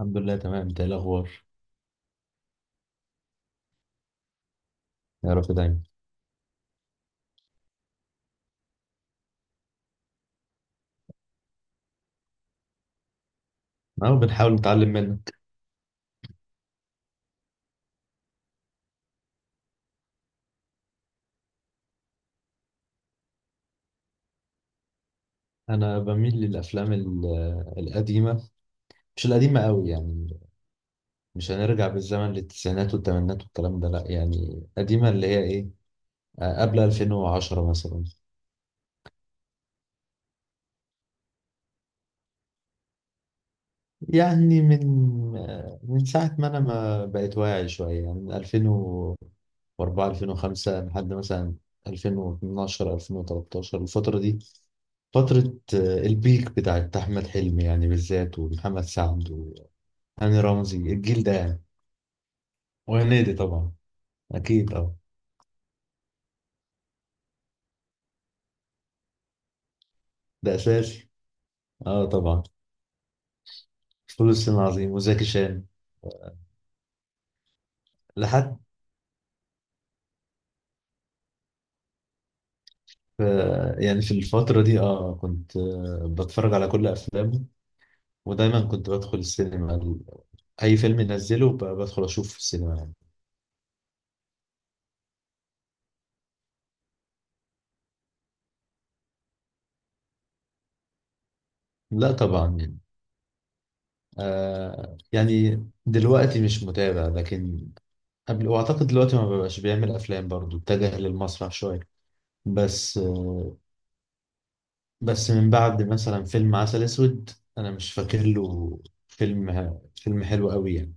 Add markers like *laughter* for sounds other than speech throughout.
الحمد لله تمام، انت ايه الاخبار؟ يا رب دايما. اهو بنحاول نتعلم منك. انا بميل للافلام القديمه. مش القديمه قوي يعني، مش هنرجع بالزمن للتسعينات والثمانينات والكلام ده، لا يعني قديمه اللي هي ايه. قبل 2010 مثلا. يعني من ساعة ما أنا ما بقيت واعي شوية، يعني من 2004 2005 لحد مثلا 2012 2013 الفترة دي. فترة البيك بتاعت أحمد حلمي يعني بالذات، ومحمد سعد وهاني رمزي، الجيل ده يعني. وهنيدي طبعا. أكيد أه. ده أساسي. أه طبعا. فول الصين العظيم وزكي شان. لحد. يعني في الفترة دي كنت بتفرج على كل أفلامه، ودايما كنت بدخل السينما، أي فيلم ينزله بدخل أشوف في السينما يعني. لا طبعا يعني. يعني دلوقتي مش متابع، لكن قبل، وأعتقد دلوقتي ما ببقاش بيعمل أفلام، برضو اتجه للمسرح شوية. بس آه. بس من بعد مثلا فيلم عسل أسود، أنا مش فاكر له. فيلم فيلم حلو قوي يعني.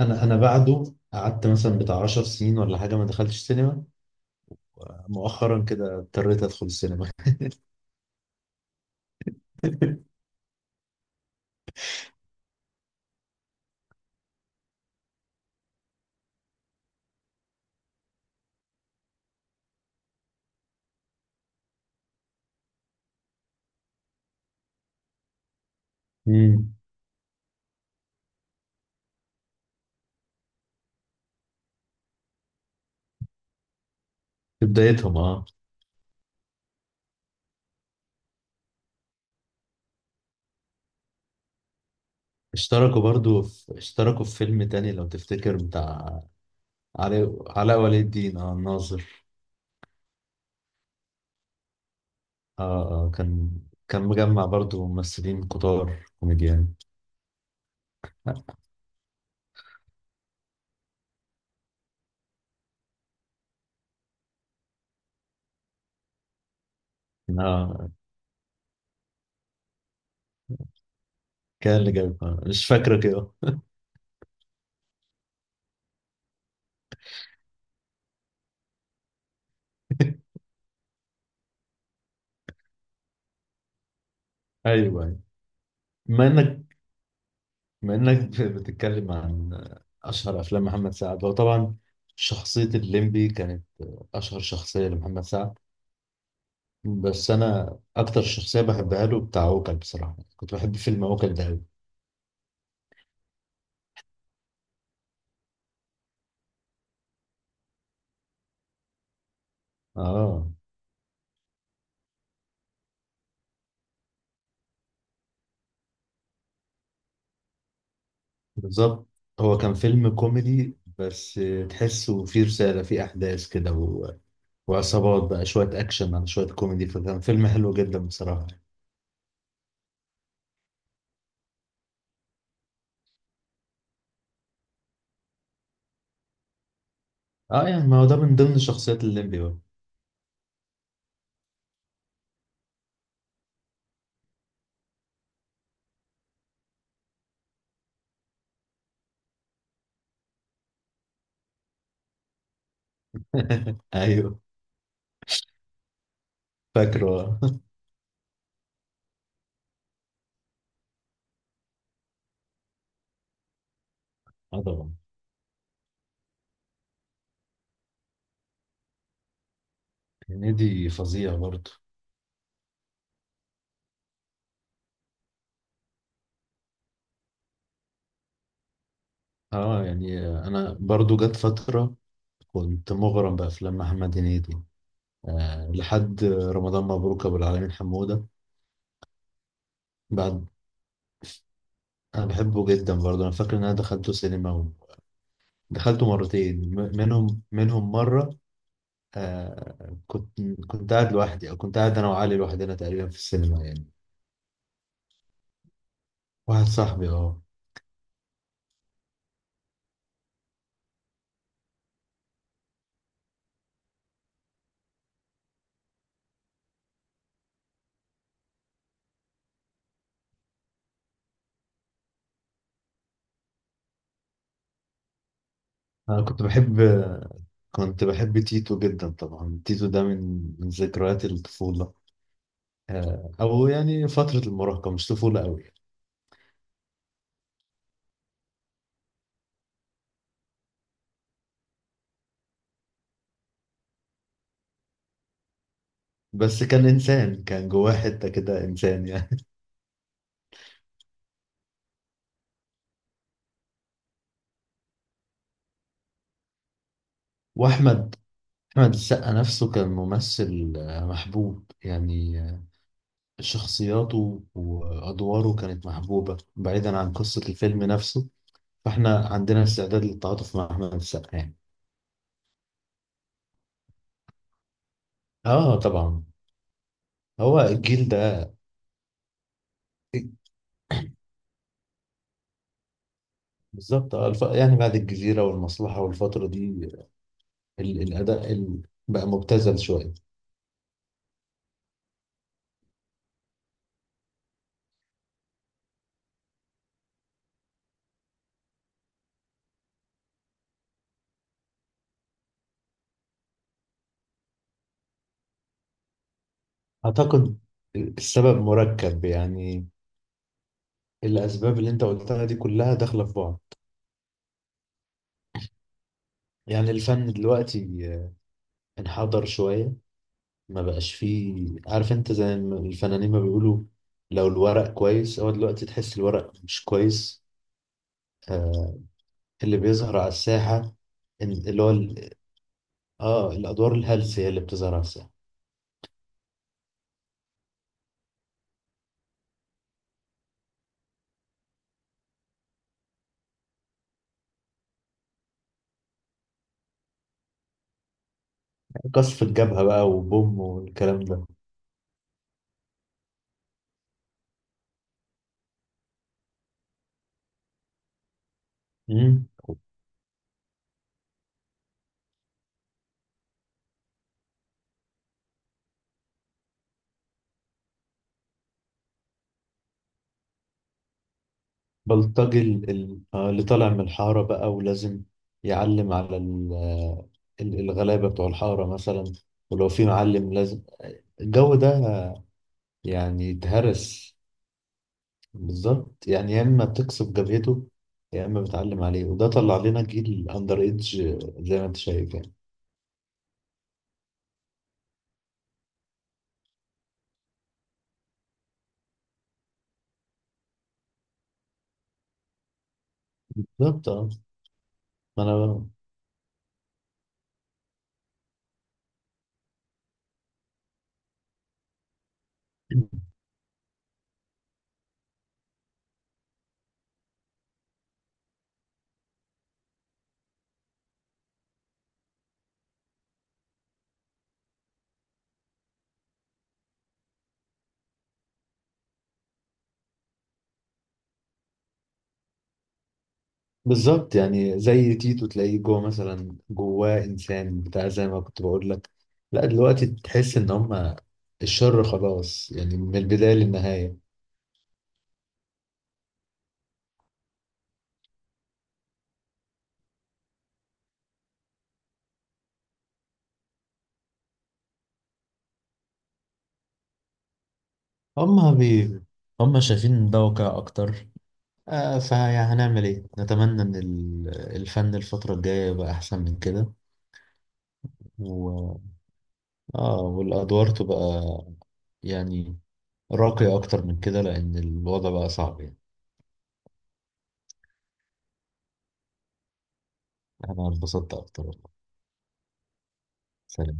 أنا بعده قعدت مثلا بتاع 10 سنين ولا حاجة، ما دخلتش سينما. مؤخرا كده اضطريت أدخل السينما. مم. في بدايتهم اه. اشتركوا في فيلم تاني، لو تفتكر، بتاع علاء ولي الدين، اه، الناظر. اه آه، كان كان مجمع برضو ممثلين كتار كوميديان. اه، كان اللي جايب، مش فاكرة كده. ايوه، أيوة. بما انك بما انك بتتكلم عن اشهر افلام محمد سعد، هو طبعا شخصية الليمبي كانت اشهر شخصية لمحمد سعد. بس انا اكتر شخصية بحبها له بتاع عوكل، بصراحة كنت بحب فيلم عوكل ده أوي. اه. بالظبط. هو كان فيلم كوميدي، بس تحسه فيه رسالة، فيه أحداث كده، و... وعصابات بقى، شوية أكشن على شوية كوميدي، فكان فيلم حلو جدا بصراحة. اه يعني ما هو ده من ضمن شخصيات الليمبي بقى. *laughs* أيوه. فاكره اه. آه طبعا. هنيدي فظيع برضه. اه، يعني أنا برضه جت فترة كنت مغرم بأفلام محمد هنيدي، لحد رمضان مبروك أبو العالمين حمودة. بعد. أنا بحبه جدا برضه، أنا فاكر إن أنا دخلته سينما، دخلته مرتين، منهم مرة آه كنت كنت قاعد لوحدي، أو كنت قاعد أنا وعلي لوحدنا تقريبا في السينما يعني. واحد صاحبي أه. أنا كنت بحب تيتو جدا طبعا، تيتو ده من ذكريات الطفولة. أو يعني فترة المراهقة، مش طفولة أوي يعني. بس كان إنسان، كان جواه حتة كده إنسان يعني. *laughs* وأحمد أحمد السقا نفسه كان ممثل محبوب يعني شخصياته وأدواره كانت محبوبة، بعيدا عن قصة الفيلم نفسه، فاحنا عندنا استعداد للتعاطف مع أحمد السقا يعني. اه طبعا. هو الجيل ده. بالظبط. يعني بعد الجزيرة والمصلحة والفترة دي الأداء بقى مبتذل شوية. أعتقد السبب مركب يعني، الأسباب اللي أنت قلتها دي كلها داخلة في بعض. يعني الفن دلوقتي انحدر شوية، ما بقاش فيه، عارف انت زي ما الفنانين ما بيقولوا، لو الورق كويس، هو دلوقتي تحس الورق مش كويس. آه. اللي بيظهر على الساحة، إن- اللي هو ال- اه الأدوار الهلسة هي اللي بتظهر على الساحة. قصف الجبهة بقى، وبوم، والكلام ده. مم. بلطجي، اللي طالع من الحارة بقى، ولازم يعلم على الغلابة بتوع الحارة مثلا، ولو في معلم لازم الجو ده، يعني اتهرس. بالظبط يعني، يا اما بتكسب جبهته، يا اما بتعلم عليه، وده طلع لنا جيل اندر ايدج، زي ما انت شايف يعني. بالظبط اه. ما انا *clears throat* بالظبط يعني، زي تيتو تلاقيه جوه مثلا جواه انسان بتاع، زي ما كنت بقول لك. لا دلوقتي تحس ان هم الشر خلاص، يعني من البدايه للنهايه. هم بي هم شايفين إن ده واقع اكتر. فهنعمل ايه، نتمنى ان الفن الفتره الجايه يبقى احسن من كده. اه، والادوار تبقى يعني راقية اكتر من كده، لان الوضع بقى صعب يعني. انا انبسطت اكتر والله. سلام.